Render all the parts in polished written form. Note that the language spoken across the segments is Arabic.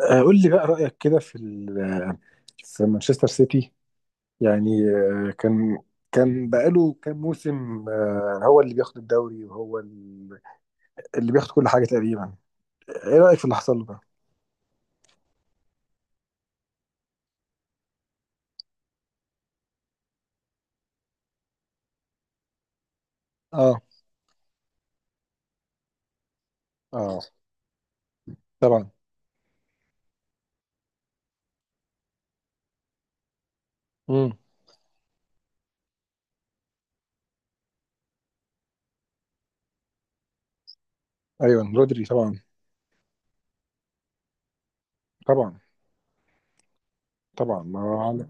قول لي بقى رأيك كده في في مانشستر سيتي يعني كان بقاله كام موسم هو اللي بياخد الدوري، وهو اللي بياخد كل حاجة تقريبا. ايه رأيك في اللي حصل له ده؟ اه. اه، طبعا. امم. ايوه، رودري طبعا. طبعا. طبعا. ما هو على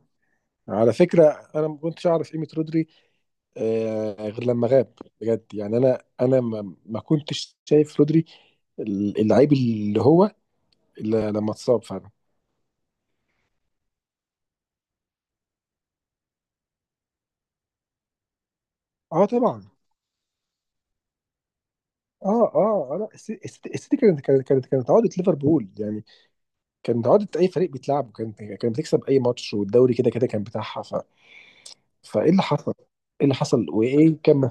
فكرة، انا ما كنتش اعرف قيمة رودري غير لما غاب. بجد يعني انا ما كنتش شايف رودري اللعيب اللي هو، إلا لما اتصاب فعلا. اه، طبعا. اه. اه. لا، السيتي كانت عقده ليفربول يعني. كانت عقده اي فريق بيتلعبه، كانت بتكسب اي ماتش، والدوري كده كان بتاعها. فايه اللي حصل؟ ايه اللي حصل وايه كم.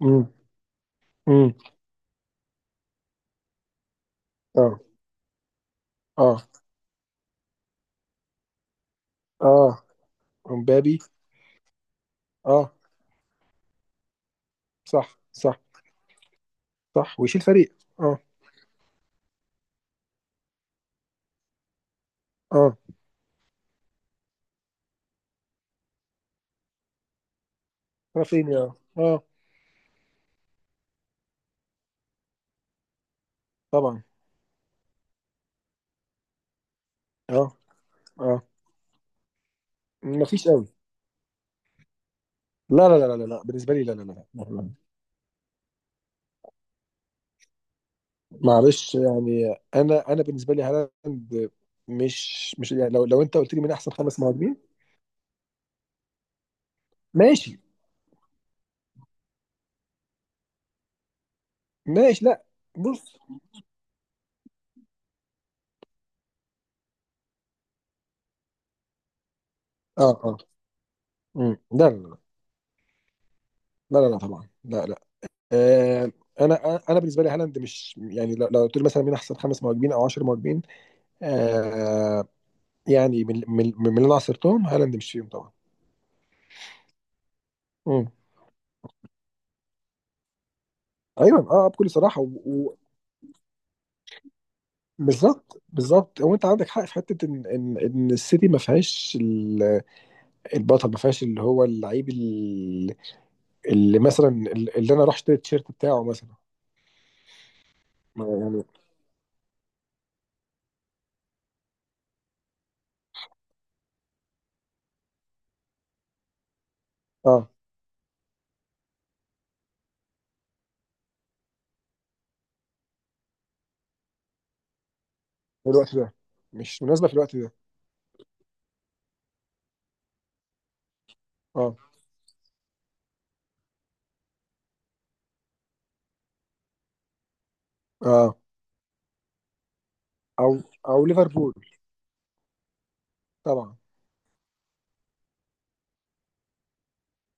امم. امم. اه. اه. اه، امبابي. اه. صح صح. صح، ويشيل فريق، اه. اه، رافينيا، اه. طبعا. اه. اه. مفيش قوي. لا لا لا لا لا، بالنسبه لي لا لا لا لا. معلش يعني انا بالنسبه لي هالاند مش يعني، لو انت قلت لي مين احسن خمس مهاجمين. ماشي. ماشي، لا. بص. اه. اه. مم. لا لا لا لا لا لا، طبعا لا لا. آه انا بالنسبه لي هالاند مش يعني، لو قلت لي مثلا مين احسن خمس مهاجمين او 10 مهاجمين. آه يعني من اللي انا عصرتهم، هالاند مش فيهم طبعا. مم. ايوه، اه، بكل صراحه بالظبط بالظبط، هو انت عندك حق في حته ان ان السيتي ما فيهاش البطل، ما فيهاش اللي هو اللعيب اللي مثلا، اللي انا اروح اشتري التيشيرت بتاعه مثلا. يعني، اه، في الوقت ده. مش مناسبه في الوقت ده. اه. اه. او او ليفربول طبعا.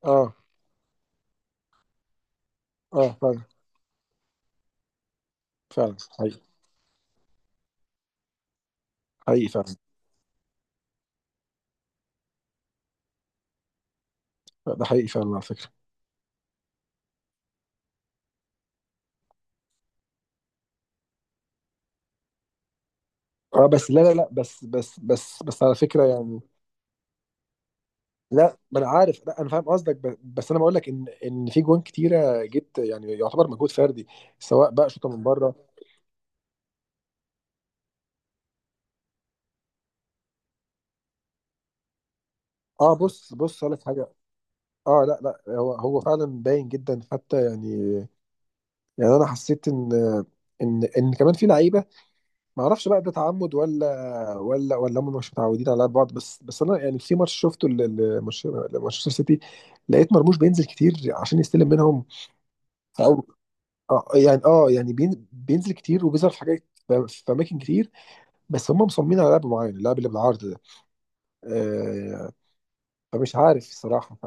اه. اه. فعلا. فعلا حقيقي. حقيقي فعلا. ده حقيقي فعلا، على فكره. اه، بس لا لا لا، بس على فكره يعني. لا، ما انا عارف، لا انا فاهم قصدك، بس انا بقول لك ان في جوان كتيره جت يعني، يعتبر مجهود فردي، سواء بقى شوطه من بره. اه، بص اقول لك حاجه. اه، لا لا، هو فعلا باين جدا حتى يعني. يعني انا حسيت ان ان كمان في لعيبه، ما اعرفش بقى ده تعمد ولا هم مش متعودين على لعب بعض، بس انا يعني في ماتش شفته لمانشستر سيتي، لقيت مرموش بينزل كتير عشان يستلم منهم. او يعني، اه يعني، بينزل كتير وبيظهر في حاجات، في اماكن كتير. بس هم مصممين على لعب معين، اللعب اللي بالعرض ده آه فمش عارف الصراحه.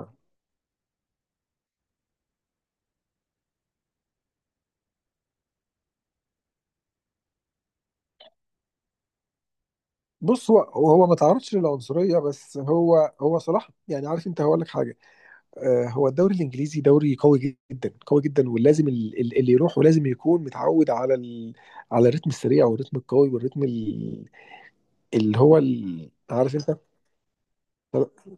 بص، هو ما تعرضش للعنصريه، بس هو صلاح يعني، عارف انت، هقول لك حاجه. هو الدوري الانجليزي دوري قوي جدا، قوي جدا، ولازم اللي يروحه لازم يكون متعود على على الريتم السريع والريتم القوي والريتم اللي هو عارف انت.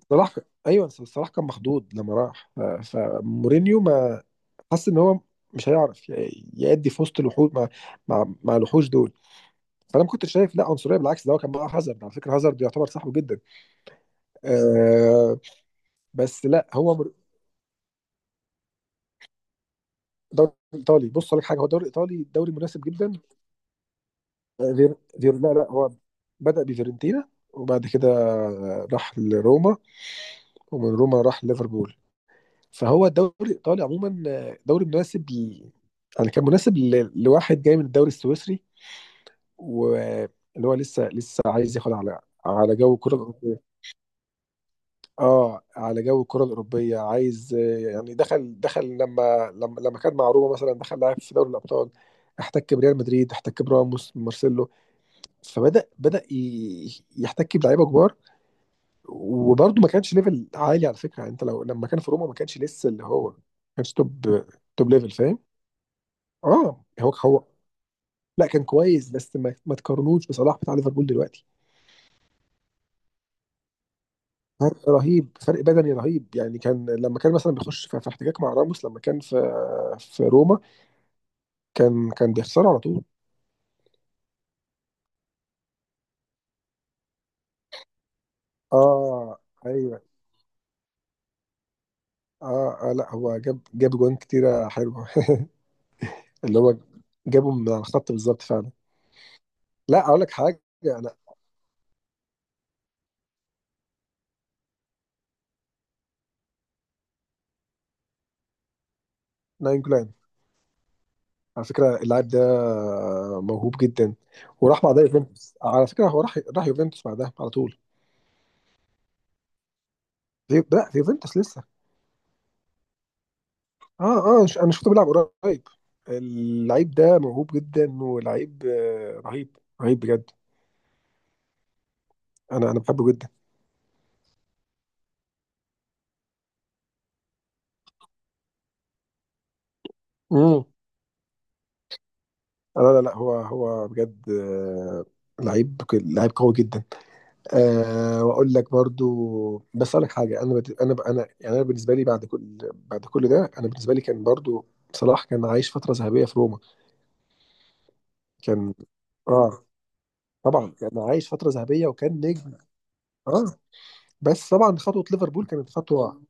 صلاح. ايوه صلاح كان مخضوض لما راح، فمورينيو ما حس ان هو مش هيعرف يأدي في وسط الوحوش، مع مع الوحوش دول. فانا ما كنتش شايف لا عنصريه، بالعكس، ده هو كان معاه هازارد على فكره، هازارد يعتبر صاحبه جدا. آه بس لا، هو دوري ايطالي، بص لك حاجه، هو الدوري الايطالي دوري مناسب جدا. آه، غير غير لا لا، هو بدا بفيرنتينا، وبعد كده راح لروما، ومن روما راح ليفربول. فهو الدوري الايطالي عموما دوري مناسب يعني كان مناسب لواحد جاي من الدوري السويسري، واللي هو لسه عايز ياخد على جو الكره. اه، على جو الكره الاوروبيه، عايز يعني دخل دخل لما كان مع روما مثلا، دخل لاعب في دوري الابطال، احتك بريال مدريد، احتك براموس، مارسيلو، فبدا يحتك بلعيبه كبار. وبرده ما كانش ليفل عالي على فكره، يعني انت لو لما كان في روما ما كانش لسه اللي هو، ما كانش توب، توب ليفل فاهم. اه، هو. لا كان كويس، بس ما تقارنوش بصلاح بتاع ليفربول دلوقتي. فرق رهيب، فرق بدني رهيب يعني، كان لما كان مثلا بيخش في احتكاك مع راموس لما كان في في روما، كان بيخسره على طول. اه. ايوه، اه, لا هو جاب جوان كتيره حلوه. اللي هو جابه من على الخط بالظبط فعلا. لا، اقول لك حاجه انا، ناين جولان، على فكره اللاعب ده موهوب جدا، وراح بعدها يوفنتوس. على فكره هو راح يوفنتوس بعدها على طول. لا، في يوفنتوس لسه. اه. اه. انا شفته بيلعب قريب. اللعيب ده موهوب جدا، ولعيب رهيب، رهيب بجد. انا بحبه جدا. امم. لا لا لا، هو بجد لعيب لعيب قوي جدا. أه، واقول لك برضو، بس اقول لك حاجه، انا يعني انا بالنسبه لي، بعد كل ده، انا بالنسبه لي كان برضو صلاح كان عايش فتره ذهبيه في روما. كان. اه. طبعا كان عايش فتره ذهبيه وكان نجم. اه. بس طبعا خطوه ليفربول كانت خطوه.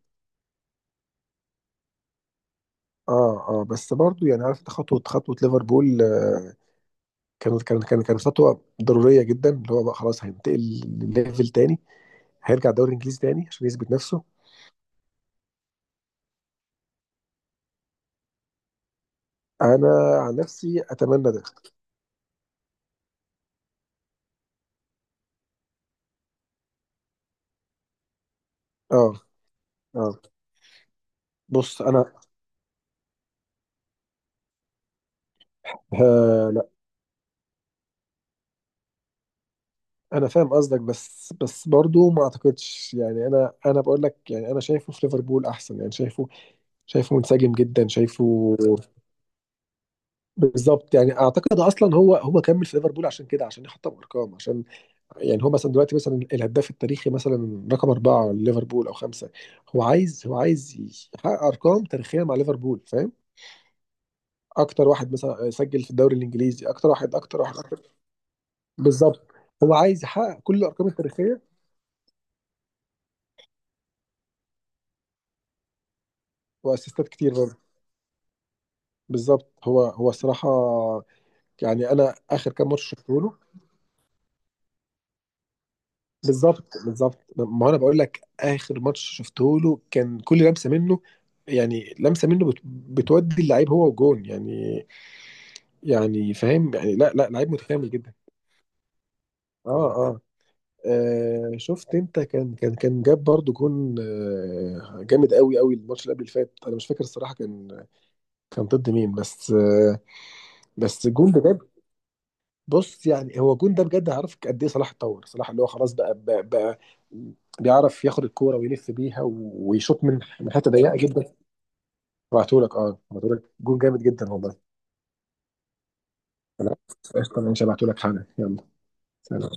اه. اه. بس برضو يعني، عارف انت، خطوه ليفربول كانت خطوه ضروريه جدا، اللي هو بقى خلاص هينتقل لليفل تاني، هيرجع الدوري الانجليزي تاني عشان يثبت نفسه. انا عن نفسي اتمنى ده. اه. اه. بص انا. لا، انا فاهم قصدك، بس برضو ما اعتقدش يعني، انا بقول لك، يعني انا شايفه في ليفربول احسن، يعني شايفه، شايفه منسجم جدا، شايفه. بالظبط، يعني اعتقد اصلا هو كمل في ليفربول عشان كده، عشان يحطم ارقام، عشان يعني هو مثلا دلوقتي مثلا الهداف التاريخي مثلا رقم أربعة ليفربول أو خمسة. هو عايز يحقق أرقام تاريخية مع ليفربول، فاهم، أكتر واحد مثلا سجل في الدوري الإنجليزي، أكتر واحد، أكتر واحد أكتر. بالظبط، هو عايز يحقق كل الأرقام التاريخية. وأسيستات كتير برضه. بالظبط، هو الصراحة، يعني أنا آخر كام ماتش شفته له. بالظبط بالظبط، ما أنا بقول لك، آخر ماتش شفته له كان كل لمسة منه، يعني لمسه منه بتودي اللعيب هو وجون، يعني يعني فاهم يعني، لا لا، لعيب متكامل جدا. اه. اه. شفت انت، كان جاب برضو جون جامد قوي قوي، الماتش اللي قبل اللي فات انا مش فاكر الصراحه، كان كان ضد مين، بس بس الجون ده بجد. بص يعني، هو الجون ده بجد، عارف قد ايه صلاح اتطور، صلاح اللي هو خلاص بقى بيعرف ياخد الكوره ويلف بيها ويشوط من حته ضيقه جدا. هبعتهولك. اه، هبعتهولك جون جامد جدا والله. خلاص، قشطه، ماشي، هبعتهولك حالا، يلا. سلام.